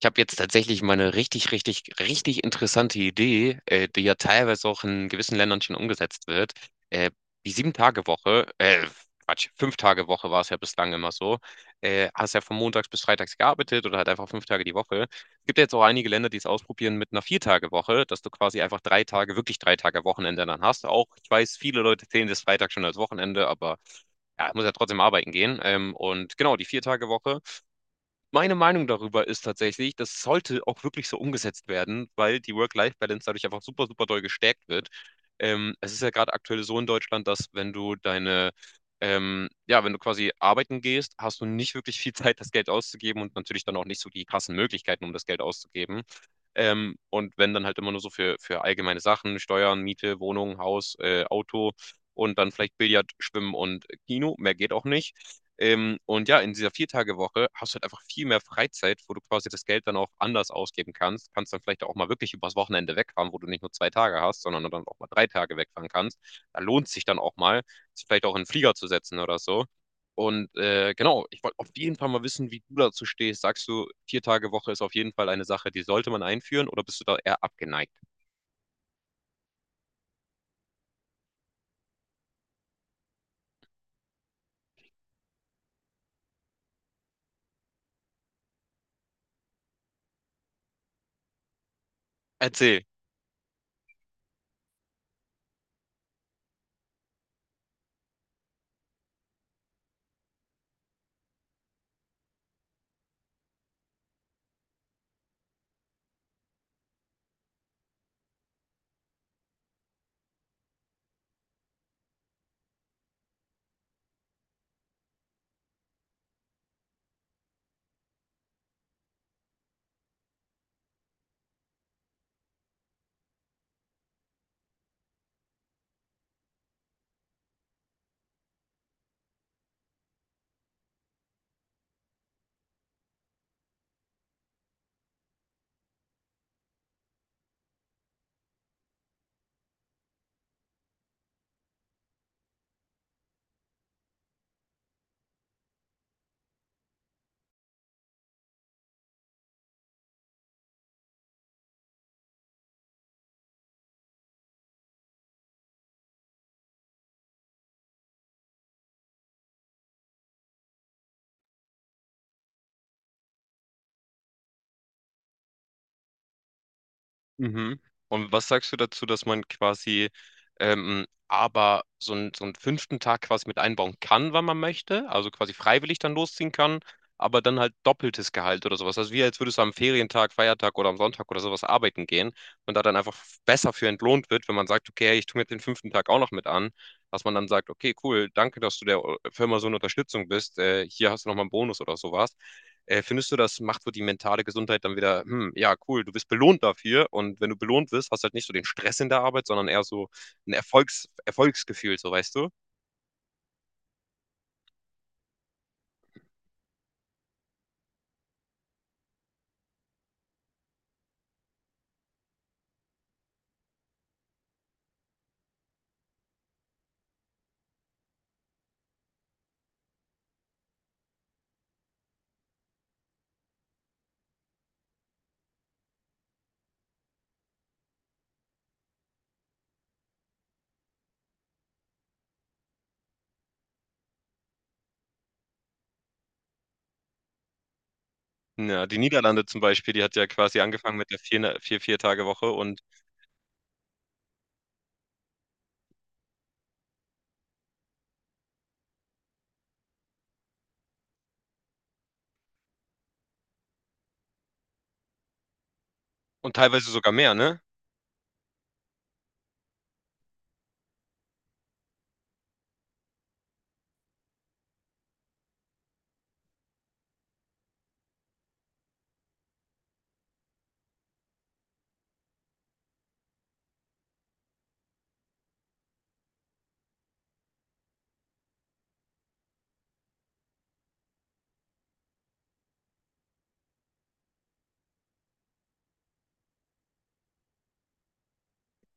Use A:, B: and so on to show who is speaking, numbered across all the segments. A: Ich habe jetzt tatsächlich mal eine richtig, richtig, richtig interessante Idee, die ja teilweise auch in gewissen Ländern schon umgesetzt wird. Äh, Die Sieben-Tage-Woche, Quatsch, Fünf-Tage-Woche war es ja bislang immer so. Hast ja von montags bis freitags gearbeitet oder halt einfach fünf Tage die Woche. Es gibt ja jetzt auch einige Länder, die es ausprobieren mit einer Vier-Tage-Woche, dass du quasi einfach drei Tage, wirklich drei Tage Wochenende dann hast. Auch, ich weiß, viele Leute zählen das Freitag schon als Wochenende, aber ja, ich muss ja trotzdem arbeiten gehen. Und genau, die Vier-Tage-Woche. Meine Meinung darüber ist tatsächlich, das sollte auch wirklich so umgesetzt werden, weil die Work-Life-Balance dadurch einfach super, super doll gestärkt wird. Es ist ja gerade aktuell so in Deutschland, dass wenn du ja, wenn du quasi arbeiten gehst, hast du nicht wirklich viel Zeit, das Geld auszugeben und natürlich dann auch nicht so die krassen Möglichkeiten, um das Geld auszugeben. Und wenn dann halt immer nur so für allgemeine Sachen, Steuern, Miete, Wohnung, Haus, Auto und dann vielleicht Billard, Schwimmen und Kino, mehr geht auch nicht. Und ja, in dieser Vier-Tage-Woche hast du halt einfach viel mehr Freizeit, wo du quasi das Geld dann auch anders ausgeben kannst. Kannst dann vielleicht auch mal wirklich übers Wochenende wegfahren, wo du nicht nur zwei Tage hast, sondern dann auch mal drei Tage wegfahren kannst. Da lohnt sich dann auch mal, sich vielleicht auch in den Flieger zu setzen oder so. Genau, ich wollte auf jeden Fall mal wissen, wie du dazu stehst. Sagst du, Vier-Tage-Woche ist auf jeden Fall eine Sache, die sollte man einführen oder bist du da eher abgeneigt? Erzähl. Mhm. Und was sagst du dazu, dass man quasi aber so einen fünften Tag quasi mit einbauen kann, wann man möchte, also quasi freiwillig dann losziehen kann, aber dann halt doppeltes Gehalt oder sowas. Also wie als würdest du am Ferientag, Feiertag oder am Sonntag oder sowas arbeiten gehen und da dann einfach besser für entlohnt wird, wenn man sagt, okay, hey, ich tue mir den fünften Tag auch noch mit an, dass man dann sagt, okay, cool, danke, dass du der Firma so eine Unterstützung bist, hier hast du nochmal einen Bonus oder sowas. Findest du, das macht so die mentale Gesundheit dann wieder, hm, ja, cool, du wirst belohnt dafür und wenn du belohnt wirst, hast du halt nicht so den Stress in der Arbeit, sondern eher so ein Erfolgsgefühl, so weißt du? Ja, die Niederlande zum Beispiel, die hat ja quasi angefangen mit der vier Tage Woche und teilweise sogar mehr, ne?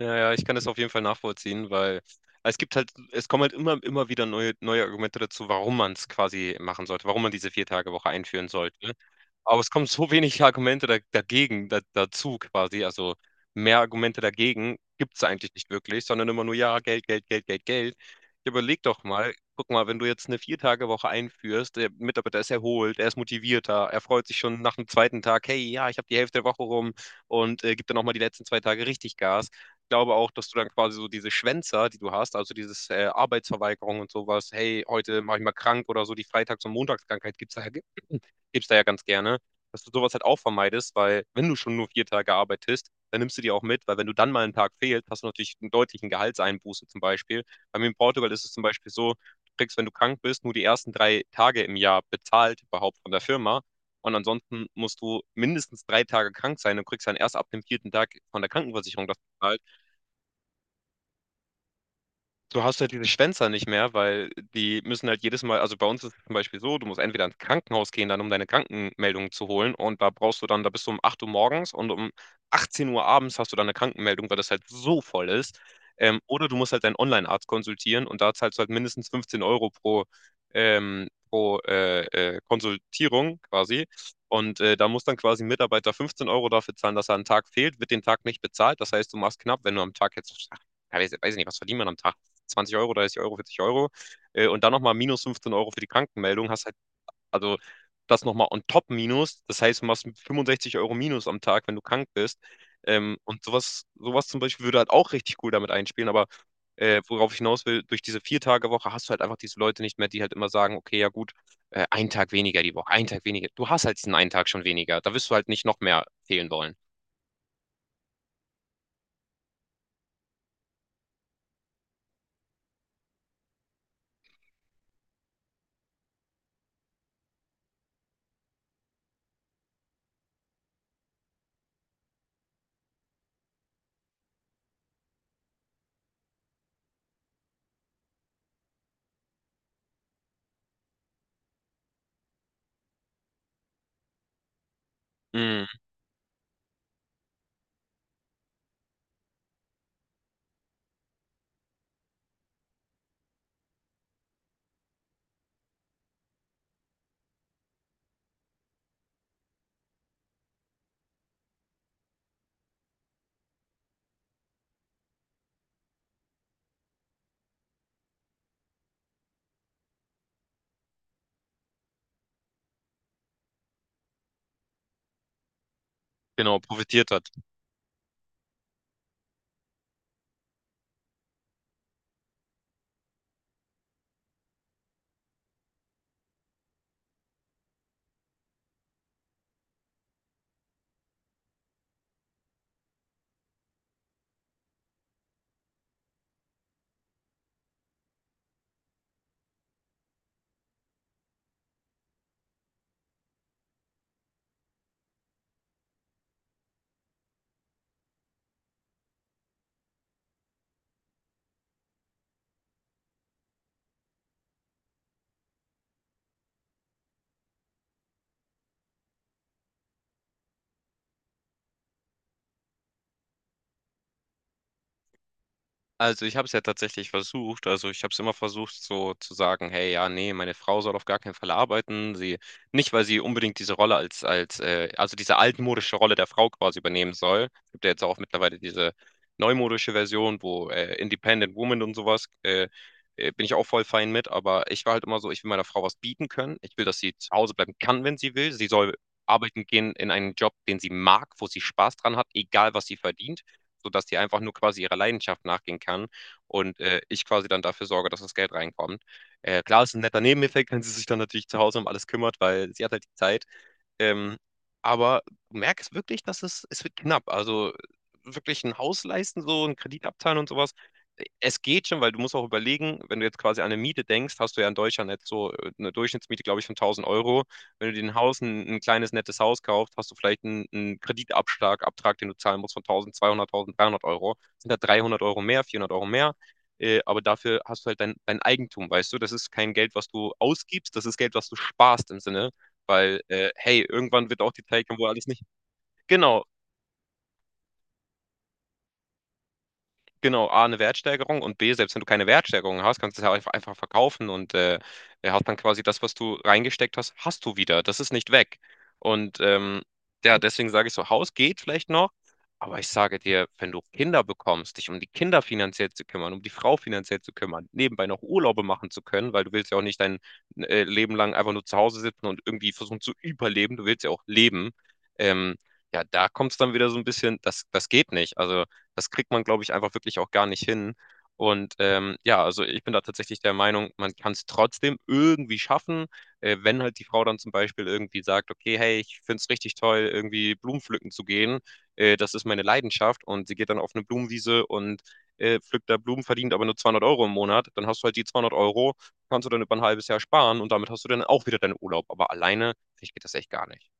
A: Ja, ja, ich kann das auf jeden Fall nachvollziehen, weil es gibt halt, es kommen halt immer wieder neue Argumente dazu, warum man es quasi machen sollte, warum man diese vier Tage Woche einführen sollte. Aber es kommen so wenig Argumente dagegen, dazu quasi, also mehr Argumente dagegen gibt es eigentlich nicht wirklich, sondern immer nur, ja, Geld, Geld, Geld, Geld, Geld. Ja, überleg doch mal, guck mal, wenn du jetzt eine vier Tage Woche einführst, der Mitarbeiter ist erholt, er ist motivierter, er freut sich schon nach dem zweiten Tag, hey, ja, ich habe die Hälfte der Woche rum und gibt dann auch mal die letzten zwei Tage richtig Gas, glaube auch, dass du dann quasi so diese Schwänzer, die du hast, also dieses Arbeitsverweigerung und sowas, hey, heute mache ich mal krank oder so, die Freitags- und Montagskrankheit gibt's da ja, gibt's da ja ganz gerne, dass du sowas halt auch vermeidest, weil wenn du schon nur vier Tage arbeitest, dann nimmst du die auch mit, weil wenn du dann mal einen Tag fehlst, hast du natürlich einen deutlichen Gehaltseinbuße zum Beispiel. Bei mir in Portugal ist es zum Beispiel so, du kriegst, wenn du krank bist, nur die ersten drei Tage im Jahr bezahlt überhaupt von der Firma. Und ansonsten musst du mindestens drei Tage krank sein und kriegst dann erst ab dem vierten Tag von der Krankenversicherung das bezahlt, du hast halt diese Schwänzer nicht mehr, weil die müssen halt jedes Mal, also bei uns ist es zum Beispiel so, du musst entweder ins Krankenhaus gehen, dann um deine Krankenmeldung zu holen und da brauchst du dann, da bist du um 8 Uhr morgens und um 18 Uhr abends hast du dann eine Krankenmeldung, weil das halt so voll ist. Oder du musst halt deinen Online-Arzt konsultieren und da zahlst du halt mindestens 15 Euro pro, ähm, pro äh, Konsultierung quasi. Da muss dann quasi ein Mitarbeiter 15 Euro dafür zahlen, dass er einen Tag fehlt, wird den Tag nicht bezahlt. Das heißt, du machst knapp, wenn du am Tag jetzt, ach, ja, weiß ich nicht, was verdient man am Tag? 20 Euro, 30 Euro, 40 Euro und dann nochmal minus 15 Euro für die Krankenmeldung, hast halt, also das nochmal on top minus, das heißt, du machst 65 Euro minus am Tag, wenn du krank bist. Und sowas, sowas zum Beispiel würde halt auch richtig cool damit einspielen, aber worauf ich hinaus will, durch diese Vier-Tage-Woche hast du halt einfach diese Leute nicht mehr, die halt immer sagen, okay, ja gut, einen Tag weniger die Woche, einen Tag weniger. Du hast halt diesen einen Tag schon weniger. Da wirst du halt nicht noch mehr fehlen wollen. Mm, genau, profitiert hat. Also ich habe es ja tatsächlich versucht. Also ich habe es immer versucht, so zu sagen, hey, ja, nee, meine Frau soll auf gar keinen Fall arbeiten. Sie, nicht, weil sie unbedingt diese Rolle als, also diese altmodische Rolle der Frau quasi übernehmen soll. Es gibt ja jetzt auch mittlerweile diese neumodische Version, wo Independent Woman und sowas, bin ich auch voll fein mit. Aber ich war halt immer so, ich will meiner Frau was bieten können. Ich will, dass sie zu Hause bleiben kann, wenn sie will. Sie soll arbeiten gehen in einen Job, den sie mag, wo sie Spaß dran hat, egal was sie verdient, sodass die einfach nur quasi ihrer Leidenschaft nachgehen kann und ich quasi dann dafür sorge, dass das Geld reinkommt. Klar, ist ein netter Nebeneffekt, wenn sie sich dann natürlich zu Hause um alles kümmert, weil sie hat halt die Zeit. Ähm, aber du merkst wirklich, dass es wird knapp. Also wirklich ein Haus leisten, so einen Kredit abzahlen und sowas. Es geht schon, weil du musst auch überlegen, wenn du jetzt quasi an eine Miete denkst, hast du ja in Deutschland jetzt so eine Durchschnittsmiete, glaube ich, von 1000 Euro. Wenn du dir ein ein kleines, nettes Haus kaufst, hast du vielleicht einen Abtrag, den du zahlen musst von 1200, 1300 Euro. Sind da 300 Euro mehr, 400 Euro mehr. Aber dafür hast du halt dein Eigentum, weißt du? Das ist kein Geld, was du ausgibst, das ist Geld, was du sparst im Sinne. Weil, hey, irgendwann wird auch die Zeit kommen, wo alles nicht. Genau, Genau, A, eine Wertsteigerung und B, selbst wenn du keine Wertsteigerung hast, kannst du es ja einfach verkaufen und er hat dann quasi das, was du reingesteckt hast, hast du wieder. Das ist nicht weg. Und ähm, ja, deswegen sage ich so, Haus geht vielleicht noch, aber ich sage dir, wenn du Kinder bekommst, dich um die Kinder finanziell zu kümmern, um die Frau finanziell zu kümmern, nebenbei noch Urlaube machen zu können, weil du willst ja auch nicht dein Leben lang einfach nur zu Hause sitzen und irgendwie versuchen zu überleben, du willst ja auch leben. Ähm, ja, da kommt es dann wieder so ein bisschen, das geht nicht. Also das kriegt man, glaube ich, einfach wirklich auch gar nicht hin. Ja, also ich bin da tatsächlich der Meinung, man kann es trotzdem irgendwie schaffen, wenn halt die Frau dann zum Beispiel irgendwie sagt, okay, hey, ich finde es richtig toll, irgendwie Blumen pflücken zu gehen, das ist meine Leidenschaft und sie geht dann auf eine Blumenwiese und pflückt da Blumen, verdient aber nur 200 Euro im Monat, dann hast du halt die 200 Euro, kannst du dann über ein halbes Jahr sparen und damit hast du dann auch wieder deinen Urlaub. Aber alleine, ich, geht das echt gar nicht.